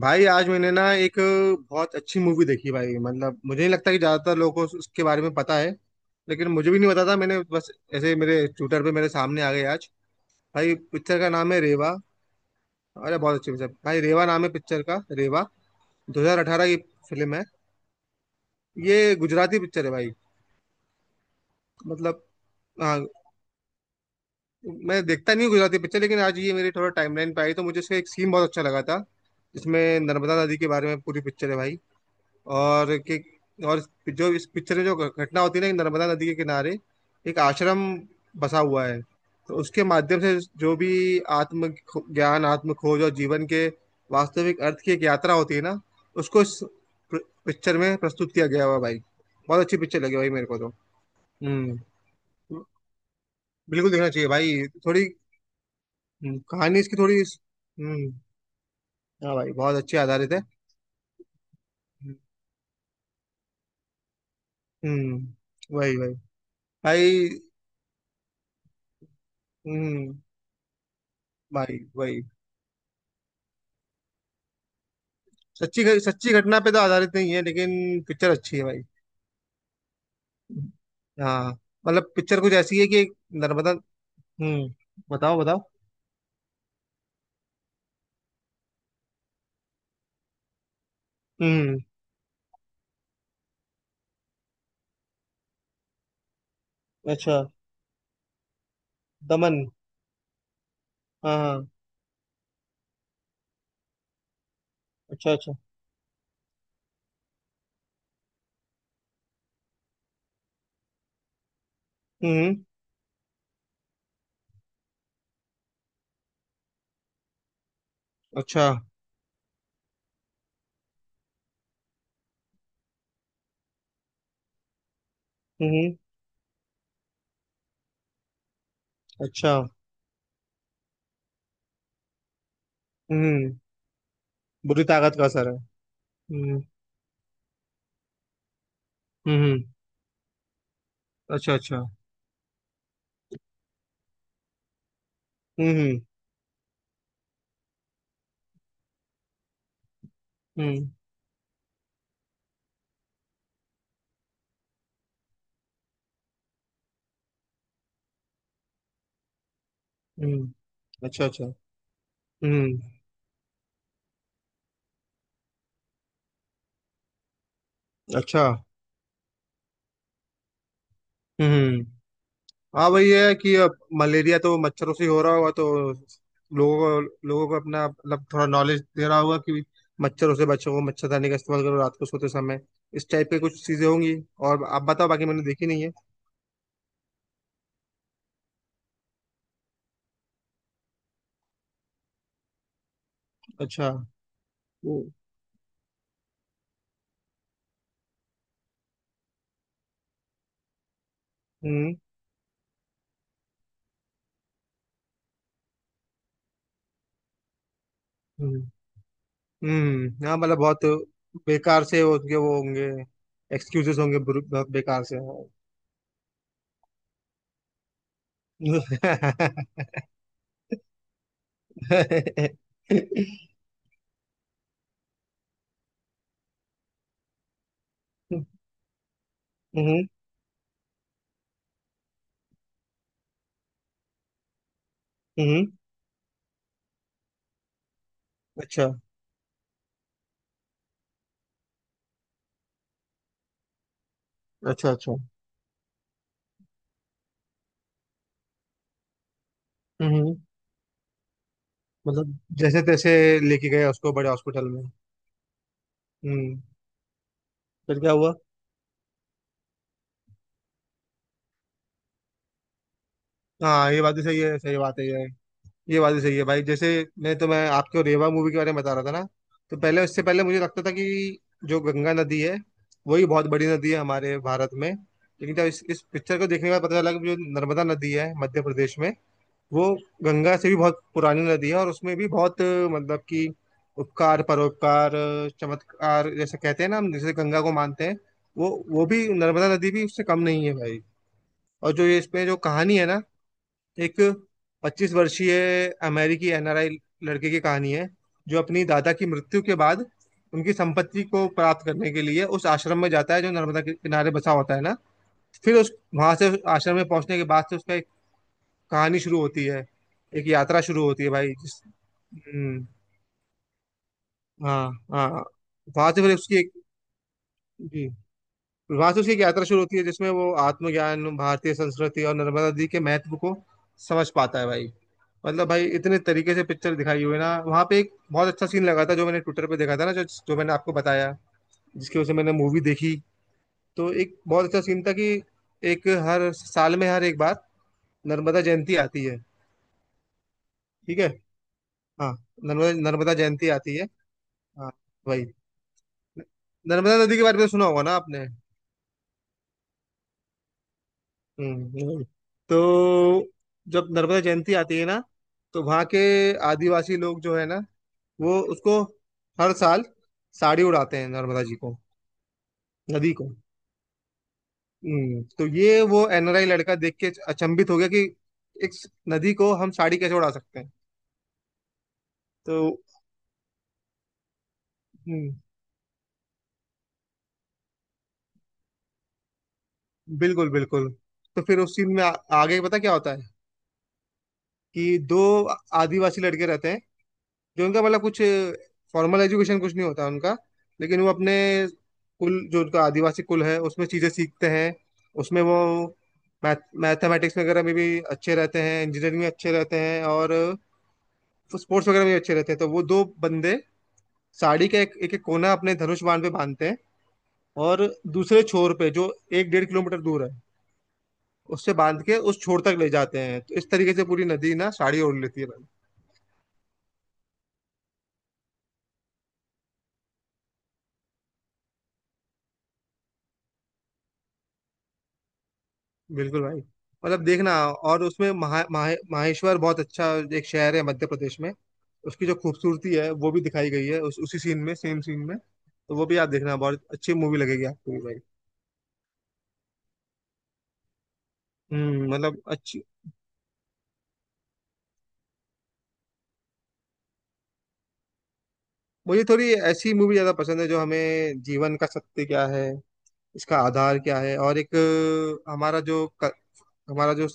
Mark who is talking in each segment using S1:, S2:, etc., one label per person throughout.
S1: भाई आज मैंने ना एक बहुत अच्छी मूवी देखी भाई। मतलब मुझे नहीं लगता कि ज्यादातर लोगों को उसके बारे में पता है लेकिन मुझे भी नहीं पता था। मैंने बस ऐसे मेरे ट्विटर पे मेरे सामने आ गई आज। भाई पिक्चर का नाम है रेवा। अरे बहुत अच्छी पिक्चर भाई, रेवा नाम है पिक्चर का। रेवा 2018 की फिल्म है। ये गुजराती पिक्चर है भाई। मतलब हाँ, मैं देखता नहीं हूँ गुजराती पिक्चर लेकिन आज ये मेरी थोड़ा टाइमलाइन पे आई तो मुझे इसका एक सीन बहुत अच्छा लगा था जिसमें नर्मदा नदी के बारे में पूरी पिक्चर है भाई। और कि और जो इस पिक्चर में जो घटना होती है ना कि नर्मदा नदी के किनारे एक आश्रम बसा हुआ है, तो उसके माध्यम से जो भी ज्ञान, आत्म खोज और जीवन के वास्तविक अर्थ की एक यात्रा होती है ना उसको इस पिक्चर में प्रस्तुत किया गया हुआ है भाई। बहुत अच्छी पिक्चर लगी भाई मेरे को तो। हम्म, बिल्कुल देखना चाहिए भाई थोड़ी। कहानी इसकी थोड़ी हम्म। हाँ भाई बहुत अच्छी आधारित है। हम्म, वही वही भाई। हम्म भाई, वही। सच्ची घटना पे तो आधारित नहीं है लेकिन पिक्चर अच्छी है भाई। हाँ मतलब पिक्चर कुछ ऐसी है कि एक नर्मदा। हम्म, बताओ बताओ। हम्म। अच्छा, दमन। हाँ हाँ। अच्छा अच्छा। हम्म। अच्छा। हम्म। अच्छा। हम्म। बुरी ताकत का असर है। हम्म। हम्म। अच्छा अच्छा। हम्म। हम्म। हम्म। अच्छा अच्छा। हम्म। अच्छा। हम्म। हाँ वही है कि अब मलेरिया तो मच्छरों से ही हो रहा होगा तो लोगों को अपना मतलब थोड़ा नॉलेज दे रहा होगा कि मच्छरों से बचो, मच्छरदानी का इस्तेमाल करो रात को सोते समय। इस टाइप के कुछ चीजें होंगी। और आप बताओ, बाकी मैंने देखी नहीं है। अच्छा। हम्म। हम्म। हाँ मतलब बहुत बेकार से उनके वो होंगे। एक्सक्यूजेस होंगे बहुत बेकार से हम्म। हम्म। अच्छा अच्छा। अच्छा। हम्म। मतलब जैसे तैसे लेके गए उसको बड़े हॉस्पिटल में। हम्म, फिर क्या हुआ? हाँ ये बात भी सही है, सही बात है ये। ये बात भी सही है भाई। जैसे मैं तो, मैं आपको रेवा मूवी के बारे में बता रहा था ना, तो पहले उससे पहले मुझे लगता था कि जो गंगा नदी है वही बहुत बड़ी नदी है हमारे भारत में, लेकिन जब इस पिक्चर को देखने के बाद पता चला कि जो नर्मदा नदी है मध्य प्रदेश में वो गंगा से भी बहुत पुरानी नदी है और उसमें भी बहुत, मतलब कि उपकार, परोपकार, चमत्कार जैसे कहते हैं ना हम, जैसे गंगा को मानते हैं वो भी, नर्मदा नदी भी उससे कम नहीं है भाई। और जो ये इसमें जो कहानी है ना, एक 25 वर्षीय अमेरिकी एनआरआई लड़के की कहानी है जो अपनी दादा की मृत्यु के बाद उनकी संपत्ति को प्राप्त करने के लिए उस आश्रम में जाता है जो नर्मदा के किनारे बसा होता है ना। फिर उस वहां से उस आश्रम में पहुंचने के बाद से उसका कहानी शुरू होती है, एक यात्रा शुरू होती है भाई जिस। हम्म, हाँ हाँ। वहां से फिर उसकी एक। जी। वहां से उसकी एक यात्रा शुरू होती है जिसमें वो आत्मज्ञान, भारतीय संस्कृति और नर्मदा नदी के महत्व को समझ पाता है भाई। मतलब भाई इतने तरीके से पिक्चर दिखाई हुई है ना, वहां पे एक बहुत अच्छा सीन लगा था जो मैंने ट्विटर पे देखा था ना, जो जो मैंने आपको बताया जिसकी वजह से मैंने मूवी देखी। तो एक बहुत अच्छा सीन था कि एक हर साल में हर एक बार नर्मदा जयंती आती है। ठीक है। हाँ। नर्मदा नर्मदा जयंती आती है। हाँ वही। नर्मदा नदी के बारे में सुना होगा ना आपने? वही। तो जब नर्मदा जयंती आती है ना तो वहाँ के आदिवासी लोग जो है ना वो उसको हर साल साड़ी उड़ाते हैं नर्मदा जी को, नदी को। हम्म। तो ये वो एनआरआई लड़का देख के अचंभित हो गया कि एक नदी को हम साड़ी कैसे उड़ा सकते हैं? तो हम्म, बिल्कुल बिल्कुल। तो फिर उस सीन में आगे पता क्या होता है कि दो आदिवासी लड़के रहते हैं जो उनका मतलब कुछ फॉर्मल एजुकेशन कुछ नहीं होता उनका, लेकिन वो अपने कुल, जो उनका आदिवासी कुल है, उसमें चीज़ें सीखते हैं। उसमें वो मैथ मैथमेटिक्स वगैरह में भी अच्छे रहते हैं, इंजीनियरिंग में अच्छे रहते हैं और स्पोर्ट्स वगैरह में भी अच्छे रहते हैं। तो वो दो बंदे साड़ी का एक एक, एक कोना अपने धनुष बाण पे बांधते हैं और दूसरे छोर पे, जो एक 1.5 किलोमीटर दूर है, उससे बांध के उस छोर तक ले जाते हैं, तो इस तरीके से पूरी नदी ना साड़ी ओढ़ लेती है। बिल्कुल भाई। मतलब देखना, और उसमें महा, महा, माहेश्वर बहुत अच्छा एक शहर है मध्य प्रदेश में, उसकी जो खूबसूरती है वो भी दिखाई गई है उसी सीन में, सेम सीन में, तो वो भी आप देखना, बहुत अच्छी मूवी लगेगी आपको भी भाई। हम्म, मतलब अच्छी। मुझे थोड़ी ऐसी मूवी ज्यादा पसंद है जो हमें जीवन का सत्य क्या है, इसका आधार क्या है, और एक अ, हमारा जो क- हमारा जो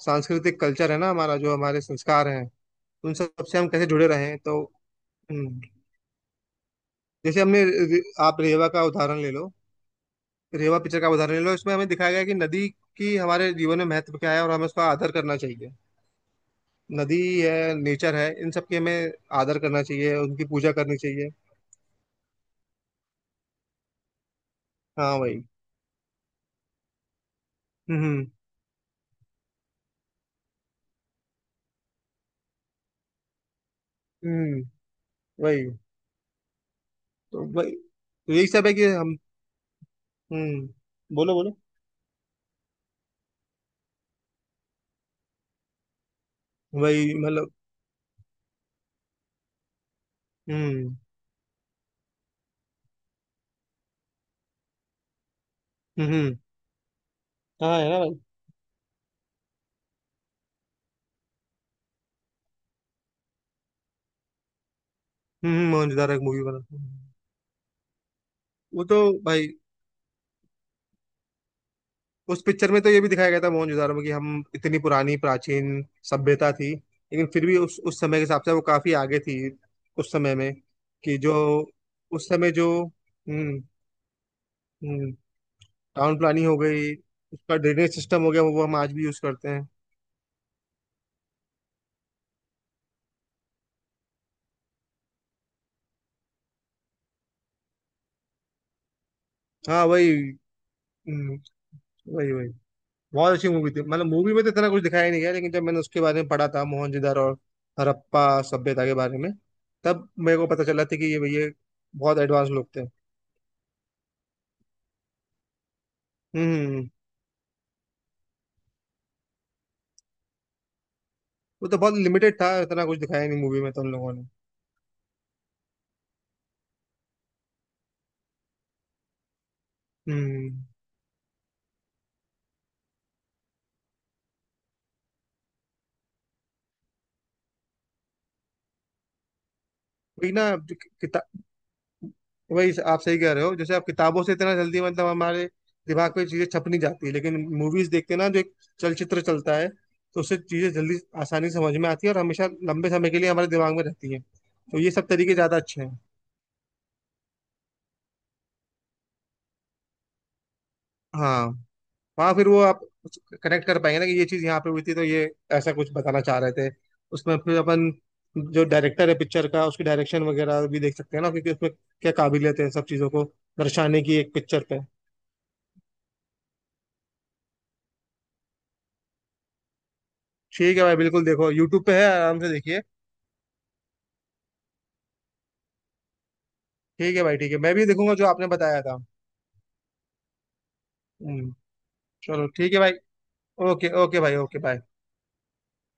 S1: सांस्कृतिक कल्चर है ना, हमारा जो हमारे संस्कार हैं, उन सब से हम कैसे जुड़े रहे हैं तो। हम्म, जैसे हमने आप रेवा का उदाहरण ले लो, रेवा पिक्चर का उदाहरण ले लो, इसमें हमें दिखाया गया है कि नदी की हमारे जीवन में महत्व क्या है और हमें उसका आदर करना चाहिए। नदी है, नेचर है, इन सब की हमें आदर करना चाहिए, उनकी पूजा करनी चाहिए। हाँ वही। हम्म। हम्म। हम्म, वही। तो वही तो, यही सब है कि हम। हम्म, बोलो बोलो। वही मतलब। हम्म। हम्म। हाँ है ना भाई। हम्म, मोहनजोदारो एक मूवी बना। वो तो भाई उस पिक्चर में तो ये भी दिखाया गया था मोहनजोदारो में कि हम इतनी पुरानी प्राचीन सभ्यता थी, लेकिन फिर भी उस समय के हिसाब से वो काफी आगे थी उस समय में। कि जो उस समय जो हम्म। हम्म, टाउन प्लानिंग हो गई, उसका ड्रेनेज सिस्टम हो गया, वो हम आज भी यूज करते हैं। हाँ वही। हम्म, वही वही। बहुत अच्छी मूवी थी। मतलब मूवी में तो इतना कुछ दिखाया ही नहीं गया, लेकिन जब मैंने उसके बारे में पढ़ा था, मोहनजोदारो और हड़प्पा सभ्यता के बारे में, तब मेरे को पता चला था कि ये बहुत एडवांस लोग थे। हम्म। वो तो बहुत लिमिटेड था, इतना कुछ दिखाया नहीं मूवी में तो उन लोगों ने। हम्म। वही ना जो कि- किता वही, आप सही कह रहे हो, जैसे आप किताबों से इतना जल्दी, मतलब हमारे दिमाग में चीजें छप नहीं जाती, लेकिन मूवीज देखते ना, जो एक चलचित्र चलता है तो उससे चीजें जल्दी आसानी से समझ में आती है और हमेशा लंबे समय के लिए हमारे दिमाग में रहती है, तो ये सब तरीके ज्यादा अच्छे हैं। हाँ। हाँ, फिर वो आप कनेक्ट कर पाएंगे ना कि ये चीज़ यहाँ पे हुई थी तो ये ऐसा कुछ बताना चाह रहे थे। उसमें फिर अपन जो डायरेक्टर है पिक्चर का उसकी डायरेक्शन वगैरह भी देख सकते हैं ना, क्योंकि उसमें क्या काबिलियत है सब चीज़ों को दर्शाने की एक पिक्चर पे। ठीक है भाई, बिल्कुल देखो, यूट्यूब पे है, आराम से देखिए। ठीक है भाई, ठीक है, मैं भी देखूंगा जो आपने बताया था। हम्म, चलो ठीक है भाई। ओके ओके भाई, ओके बाय।